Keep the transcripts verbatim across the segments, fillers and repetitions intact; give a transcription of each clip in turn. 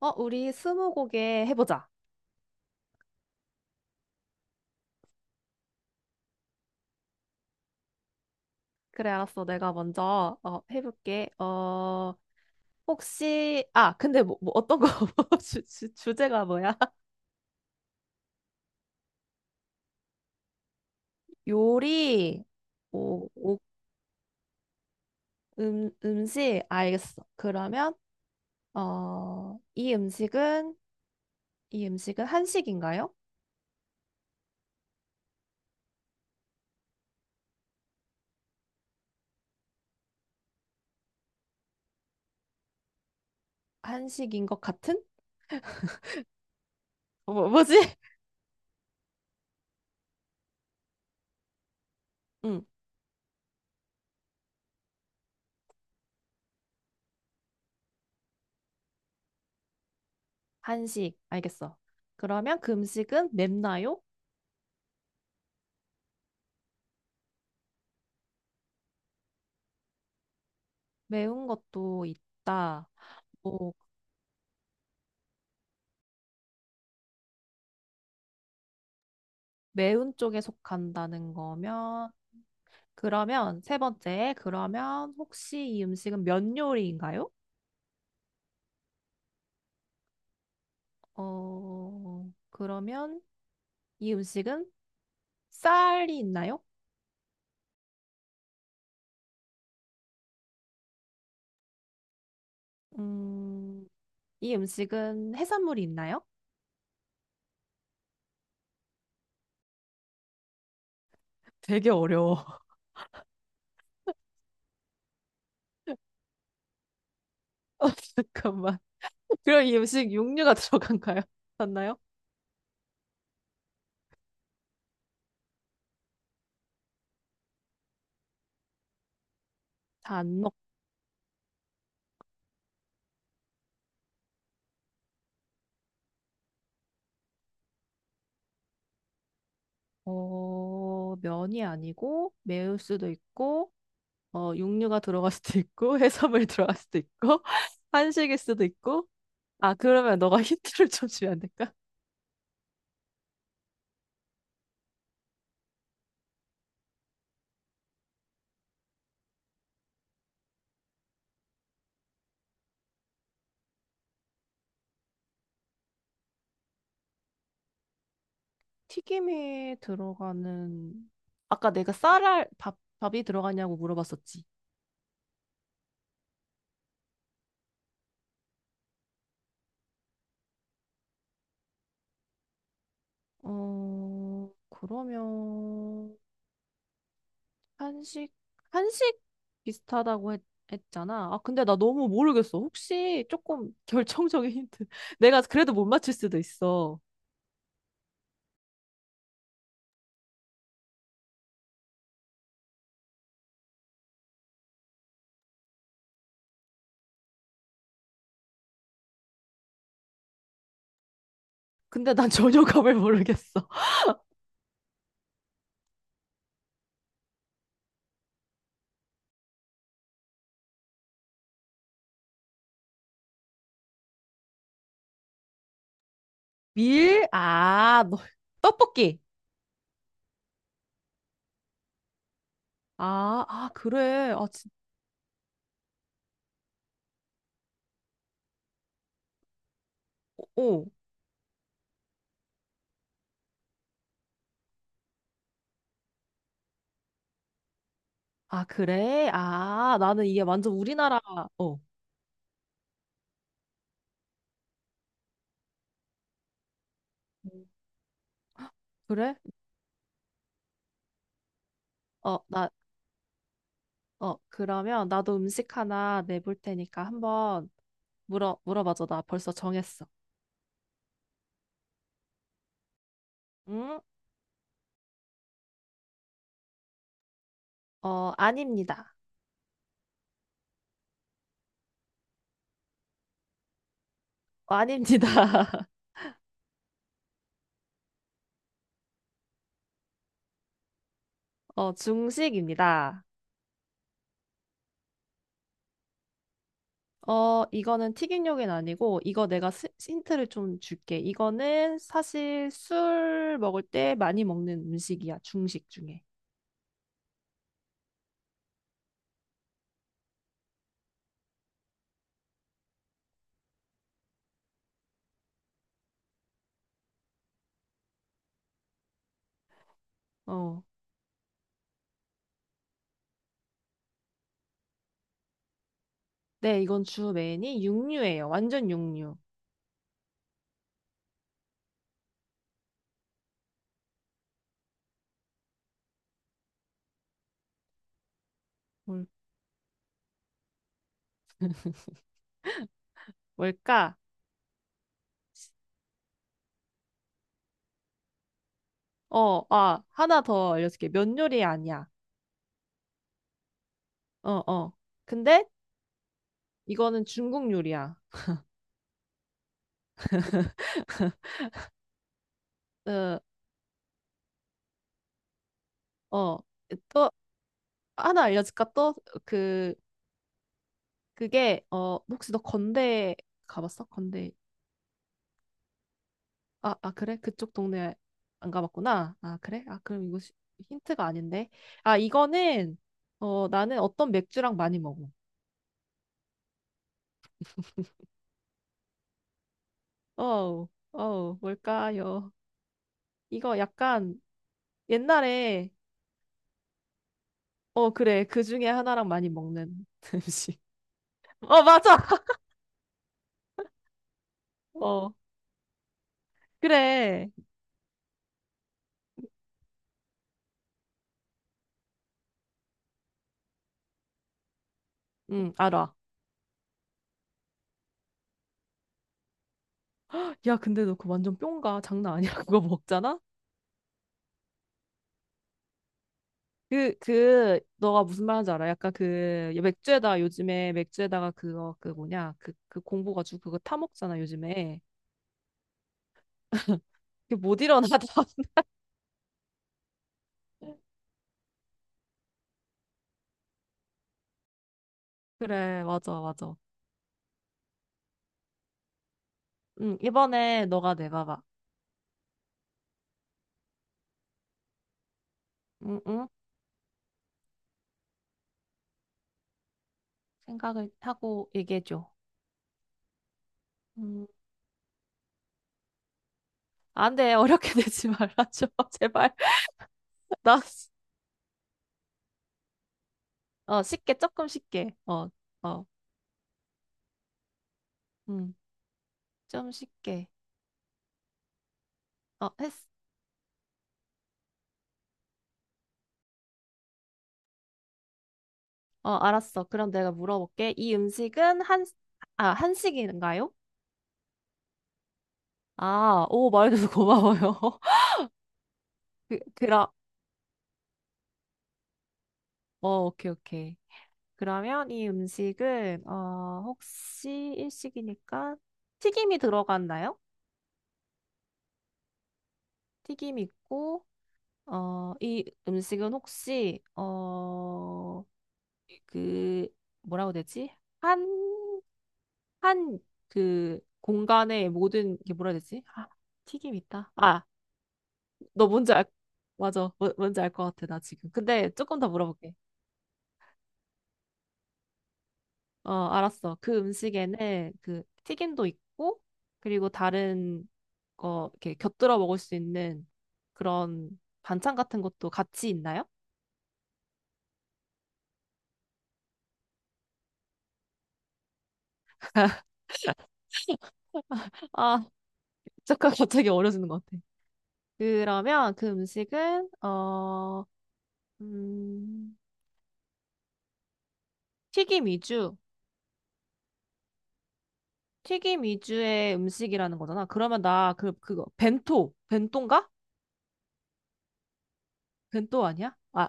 어, 우리 스무고개 해보자. 그래, 알았어. 내가 먼저 어, 해볼게. 어, 혹시 아, 근데 뭐, 뭐 어떤 거 주, 주, 주제가 뭐야? 요리, 오, 오, 음, 음식 알겠어. 그러면 어, 이 음식은 이 음식은 한식인가요? 한식인 것 같은? 어, 뭐, 뭐지? 응, 한식 알겠어. 그러면 그 음식은 맵나요? 매운 것도 있다. 매운 쪽에 속한다는 거면, 그러면 세 번째, 그러면 혹시 이 음식은 면 요리인가요? 어, 그러면 이 음식은 쌀이 있나요? 음, 이 음식은 해산물이 있나요? 되게 어려워. 어, 잠깐만. 그럼 이 음식 육류가 들어간가요? 맞나요? 잔먹 어, 면이 아니고 매울 수도 있고, 어, 육류가 들어갈 수도 있고, 해산물이 들어갈 수도 있고, 한식일 수도 있고, 아, 그러면 너가 힌트를 좀 주면 안 될까? 튀김에 들어가는, 아까 내가 쌀알, 밥, 밥이 들어가냐고 물어봤었지. 어, 그러면, 한식, 한식 비슷하다고 했, 했잖아. 아, 근데 나 너무 모르겠어. 혹시 조금 결정적인 힌트. 내가 그래도 못 맞출 수도 있어. 근데 난 전혀 감을 모르겠어. 밀? 아, 너, 떡볶이. 아, 아, 그래. 아, 진, 어. 어. 아, 그래? 아, 나는 이게 완전 우리나라, 어, 음. 그래? 어, 나, 어, 그러면 나도 음식 하나 내볼 테니까 한번 물어, 물어봐줘. 나 벌써 정했어. 응? 어, 아닙니다. 어, 아닙니다. 어, 중식입니다. 어, 이거는 튀김요긴 아니고, 이거 내가 스, 힌트를 좀 줄게. 이거는 사실 술 먹을 때 많이 먹는 음식이야. 중식 중에. 어. 네, 이건 주 메인이 육류예요. 완전 육류. 뭘까? 어, 아, 하나 더 알려줄게. 면 요리 아니야. 어, 어. 근데 이거는 중국 요리야. 어, 어. 또 하나 알려줄까? 또 그, 그게, 어, 혹시 너 건대 가봤어? 건대. 아, 아, 그래? 그쪽 동네 안 가봤구나. 아, 그래? 아, 그럼 이거 시- 힌트가 아닌데. 아, 이거는, 어, 나는 어떤 맥주랑 많이 먹어. 어우, 어우, 뭘까요? 이거 약간 옛날에 어, 그래. 그 중에 하나랑 많이 먹는 음식. 어, 맞아. 어, 그래. 응, 알아. 야, 근데 너 그 완전 뿅가. 장난 아니야. 그거 먹잖아? 그, 그, 너가 무슨 말 하는지 알아? 약간 그, 맥주에다, 요즘에 맥주에다가 그거, 그 뭐냐. 그, 그 공부가지고 그거 타먹잖아, 요즘에. 그게 못 일어나. 그래, 맞아, 맞아. 응, 이번에 너가 내봐봐. 응, 응. 생각을 하고 얘기해줘. 음. 안 돼, 어렵게 내지 말아줘, 제발. 나 어, 쉽게, 조금 쉽게. 어, 어, 음, 좀 쉽게. 어, 했, 어, 알았어. 그럼 내가 물어볼게. 이 음식은 한, 아, 한식인가요? 아, 오, 말해줘서 고마워요. 그, 그라, 어, 오케이, 오케이. 그러면 이 음식은, 어, 혹시 일식이니까 튀김이 들어갔나요? 튀김 있고, 어, 이 음식은 혹시, 어, 그, 뭐라고 되지? 한 한 그 공간의 모든 게 뭐라 해야 되지? 아, 튀김 있다. 아, 너 뭔지 알, 맞아. 뭐- 뭔지 알 것 같아, 나 지금. 근데 조금 더 물어볼게. 어, 알았어. 그 음식에는 그 튀김도 있고, 그리고 다른 거 이렇게 곁들여 먹을 수 있는 그런 반찬 같은 것도 같이 있나요? 아, 잠깐 갑자기 어려지는 것 같아. 그러면 그 음식은, 어, 음, 튀김 위주. 튀김 위주의 음식이라는 거잖아. 그러면 나 그 그거 벤토 벤토인가? 벤토 아니야? 아,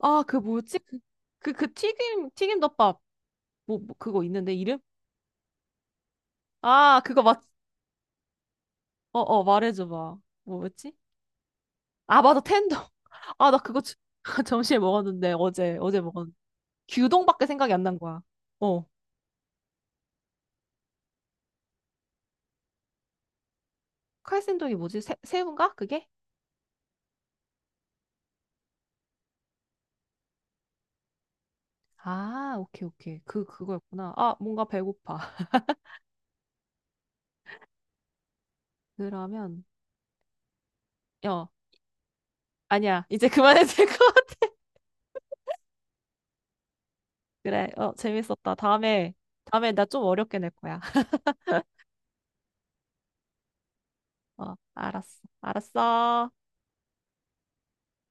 아, 그 뭐지? 그그 그 튀김 튀김덮밥 뭐, 뭐 그거 있는데 이름? 아, 그거 맞. 어, 어, 말해줘 봐. 뭐였지? 아, 맞아. 텐더. 아, 나 그거 주- 점심에 먹었는데 어제 어제 먹었는데 규동밖에 생각이 안 난 거야. 어. 칼센동이 뭐지? 새, 새우인가? 그게? 아, 오케이, 오케이. 그, 그거였구나. 아, 뭔가 배고파. 그러면, 야, 아니야. 이제 그만해도 될것 그래, 어, 재밌었다. 다음에, 다음에 나 좀 어렵게 낼 거야. 어, 알았어. 알았어.